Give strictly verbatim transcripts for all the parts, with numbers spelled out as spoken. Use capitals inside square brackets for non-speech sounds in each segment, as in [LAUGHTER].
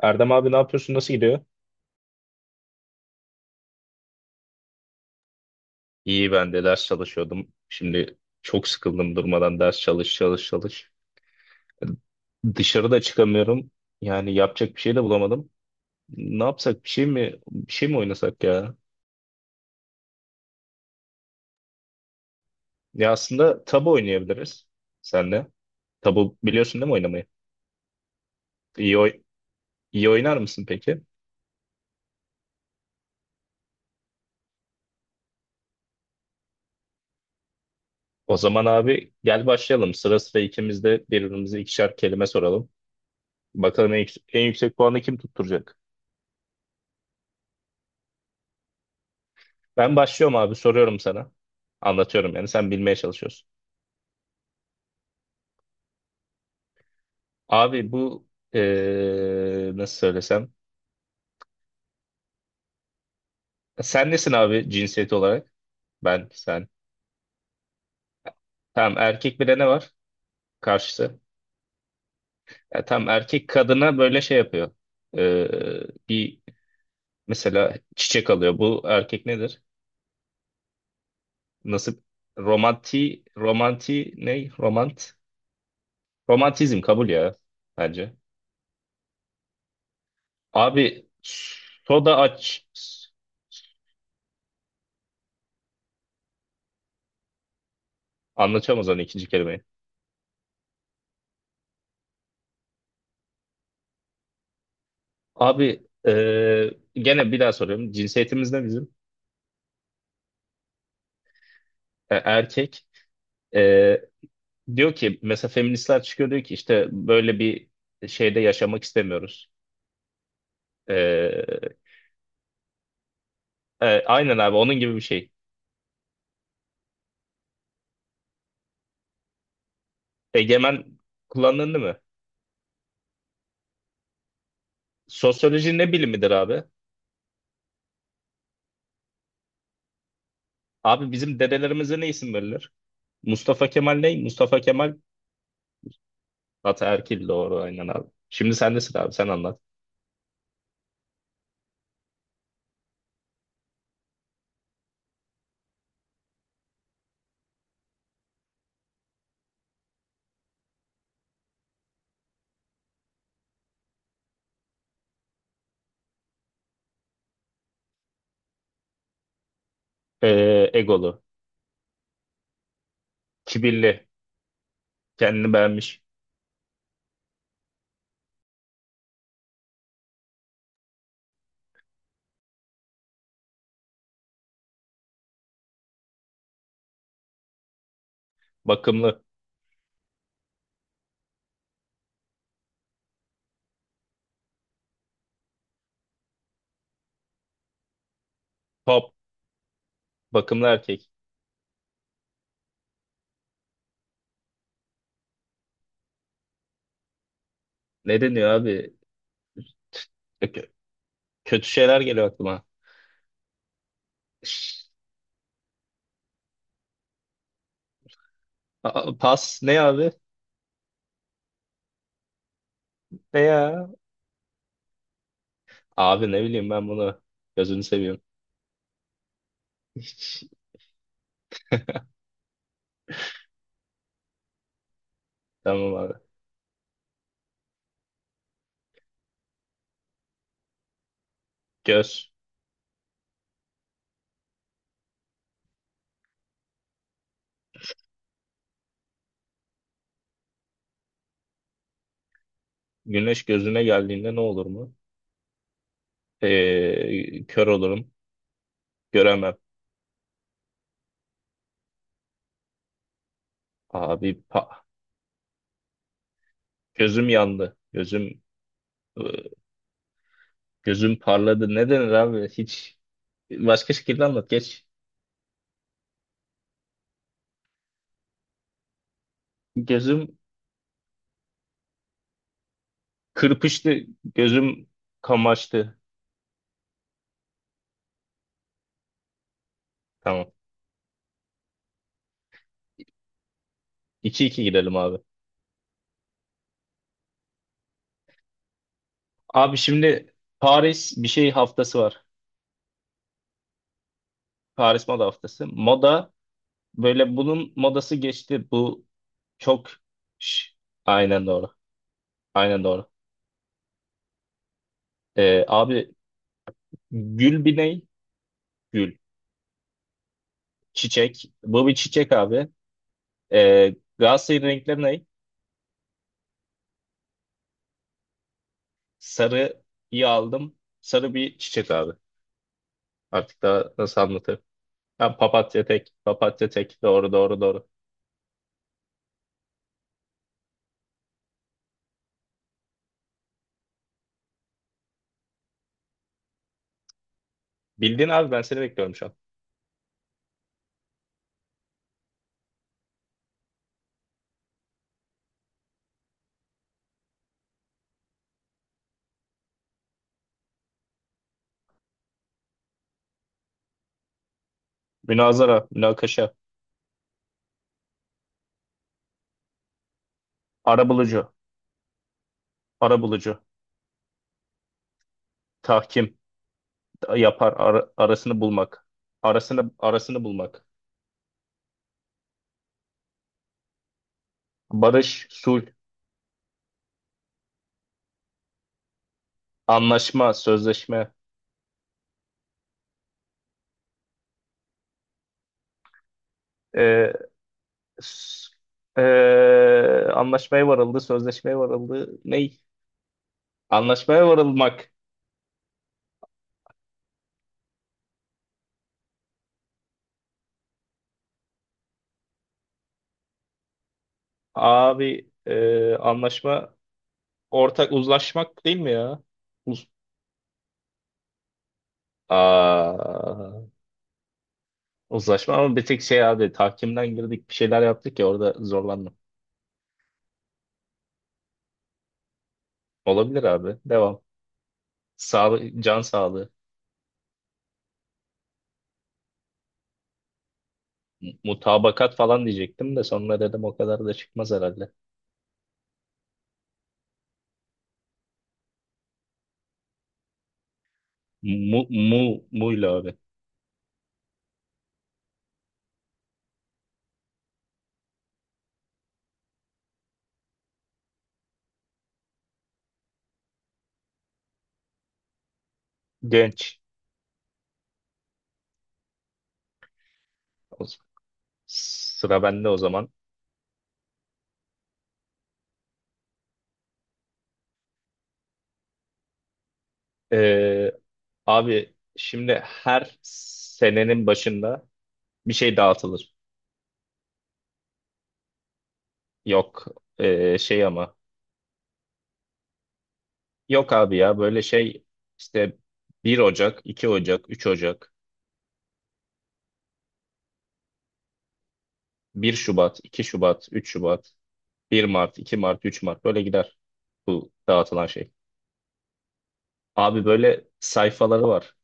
Erdem abi ne yapıyorsun? Nasıl gidiyor? İyi, ben de ders çalışıyordum. Şimdi çok sıkıldım durmadan ders çalış çalış çalış. Dışarıda çıkamıyorum. Yani yapacak bir şey de bulamadım. Ne yapsak? Bir şey mi bir şey mi oynasak ya? Ya aslında tabu oynayabiliriz senle. Tabu biliyorsun değil mi oynamayı? İyi oy iyi oynar mısın peki? O zaman abi gel başlayalım. Sıra sıra ikimiz de birbirimize ikişer kelime soralım. Bakalım en, yüks- en yüksek puanı kim tutturacak? Ben başlıyorum abi, soruyorum sana. Anlatıyorum, yani sen bilmeye çalışıyorsun. Abi bu eee, nasıl söylesem. Sen nesin abi, cinsiyet olarak? Ben sen. Tam erkek, bir de ne var karşısı? Ya, tam erkek kadına böyle şey yapıyor. Eee, bir mesela çiçek alıyor. Bu erkek nedir? Nasıl? Romanti, romanti ne? Romant. Romantizm kabul ya, bence. Abi soda aç. Anlatamaz onu ikinci kelimeyi. Abi, e, gene bir daha soruyorum. Cinsiyetimiz ne bizim? E, erkek. E, Diyor ki mesela feministler çıkıyor, diyor ki işte böyle bir şeyde yaşamak istemiyoruz. E, e, aynen abi, onun gibi bir şey. Egemen kullanıldı mı? Sosyoloji ne bilimidir abi? Abi bizim dedelerimize ne isim verilir? Mustafa Kemal ne? Mustafa Kemal ataerkil, doğru aynen abi. Şimdi sen nesin abi, sen anlat. E, egolu, kibirli, kendini beğenmiş, bakımlı, top, bakımlı erkek. Ne deniyor abi? Kö- Kötü şeyler geliyor aklıma. Şş, a- Pas ne abi? Ne ya? Abi ne bileyim ben bunu. Gözünü seveyim. Tamam abi. Göz. Güneş gözüne geldiğinde ne olur mu? Ee, kör olurum. Göremem. Abi, pa- gözüm yandı. Gözüm ı- gözüm parladı. Ne denir abi? Hiç başka şekilde anlat. Geç. Gözüm kırpıştı. Gözüm kamaştı. Tamam. 2 iki gidelim abi. Abi şimdi Paris bir şey haftası var. Paris Moda Haftası. Moda, böyle bunun modası geçti. Bu çok Şş, aynen doğru. Aynen doğru. Ee, abi, gül bir ney? Gül. Çiçek. Bu bir çiçek abi. Ee, Galatasaray'ın renkleri ney? Sarıyı aldım. Sarı bir çiçek abi. Artık daha nasıl anlatırım? Ha, papatya tek. Papatya tek. Doğru doğru doğru. Bildin abi, ben seni bekliyorum şu an. Münazara, münakaşa, arabulucu. Arabulucu. Tahkim yapar, ar- arasını bulmak. Arasını arasını bulmak. Barış, sulh, anlaşma, sözleşme. Ee, s- ee, Anlaşmaya varıldı, sözleşmeye varıldı. Ney? Anlaşmaya varılmak. Abi ee, anlaşma, ortak uzlaşmak değil mi ya? Uz Aa, uzlaşma ama bir tek şey abi, tahkimden girdik bir şeyler yaptık ya, orada zorlandım. Olabilir abi. Devam. Sağlık, can sağlığı. Mutabakat falan diyecektim de sonra dedim o kadar da çıkmaz herhalde. Mu, mu, muyla abi. Genç. O z- Sıra bende o zaman. Ee, Abi şimdi her senenin başında bir şey dağıtılır. Yok, ee, şey ama. Yok abi ya, böyle şey işte bir Ocak, iki Ocak, üç Ocak, bir Şubat, iki Şubat, üç Şubat, bir Mart, iki Mart, üç Mart böyle gider bu dağıtılan şey. Abi böyle sayfaları var.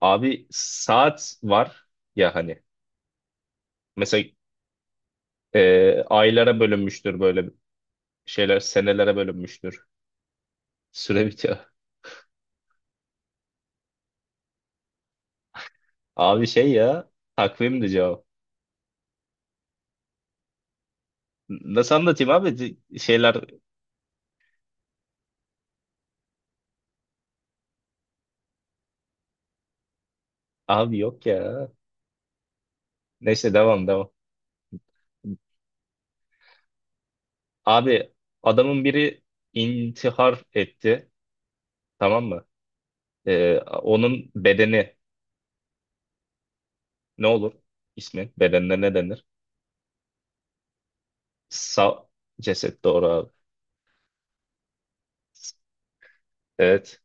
Abi saat var ya, hani mesela e, aylara bölünmüştür, böyle şeyler senelere bölünmüştür. [LAUGHS] Süre bitiyor. Abi şey ya, takvimdi cevap. Nasıl anlatayım abi? C- şeyler abi, yok ya. Neyse, devam devam. Abi adamın biri intihar etti, tamam mı? E, onun bedeni ne olur? İsmi bedenine ne denir? Sa ceset, doğru abi. Evet.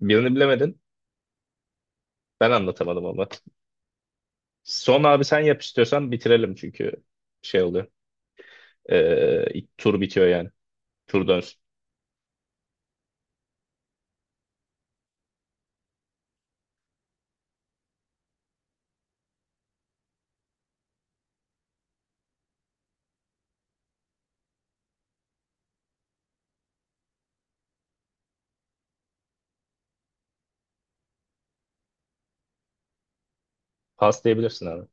Birini bilemedin. Ben anlatamadım ama. Son abi, sen yap istiyorsan bitirelim çünkü şey oluyor. Ee, ilk tur bitiyor yani. Tur dönsün. Pas diyebilirsin abi.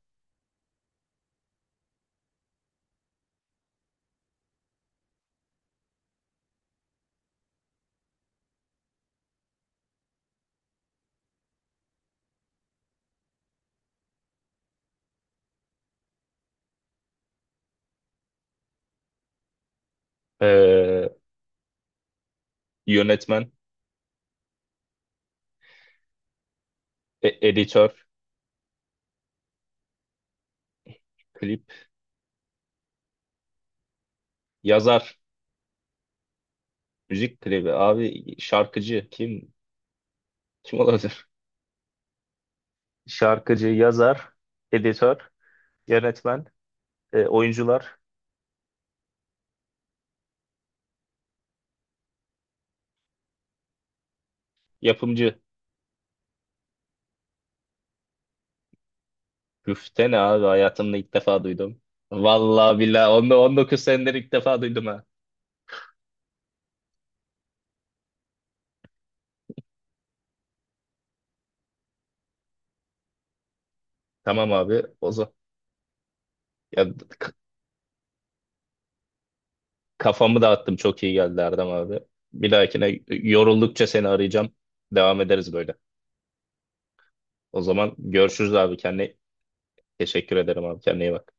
Ee, Yönetmen, e- editör, klip, yazar, müzik klibi. Abi şarkıcı kim? Kim olabilir? [LAUGHS] Şarkıcı, yazar, editör, yönetmen, e, oyuncular, yapımcı. Güfte ne abi? Hayatımda ilk defa duydum. Vallahi billahi on- 19 senedir ilk defa duydum ha. Tamam abi o zaman. Ya, kafamı dağıttım. Çok iyi geldi Erdem abi. Bir dahakine yoruldukça seni arayacağım. Devam ederiz böyle. O zaman görüşürüz abi. Kendine teşekkür ederim abi. Kendine iyi bak.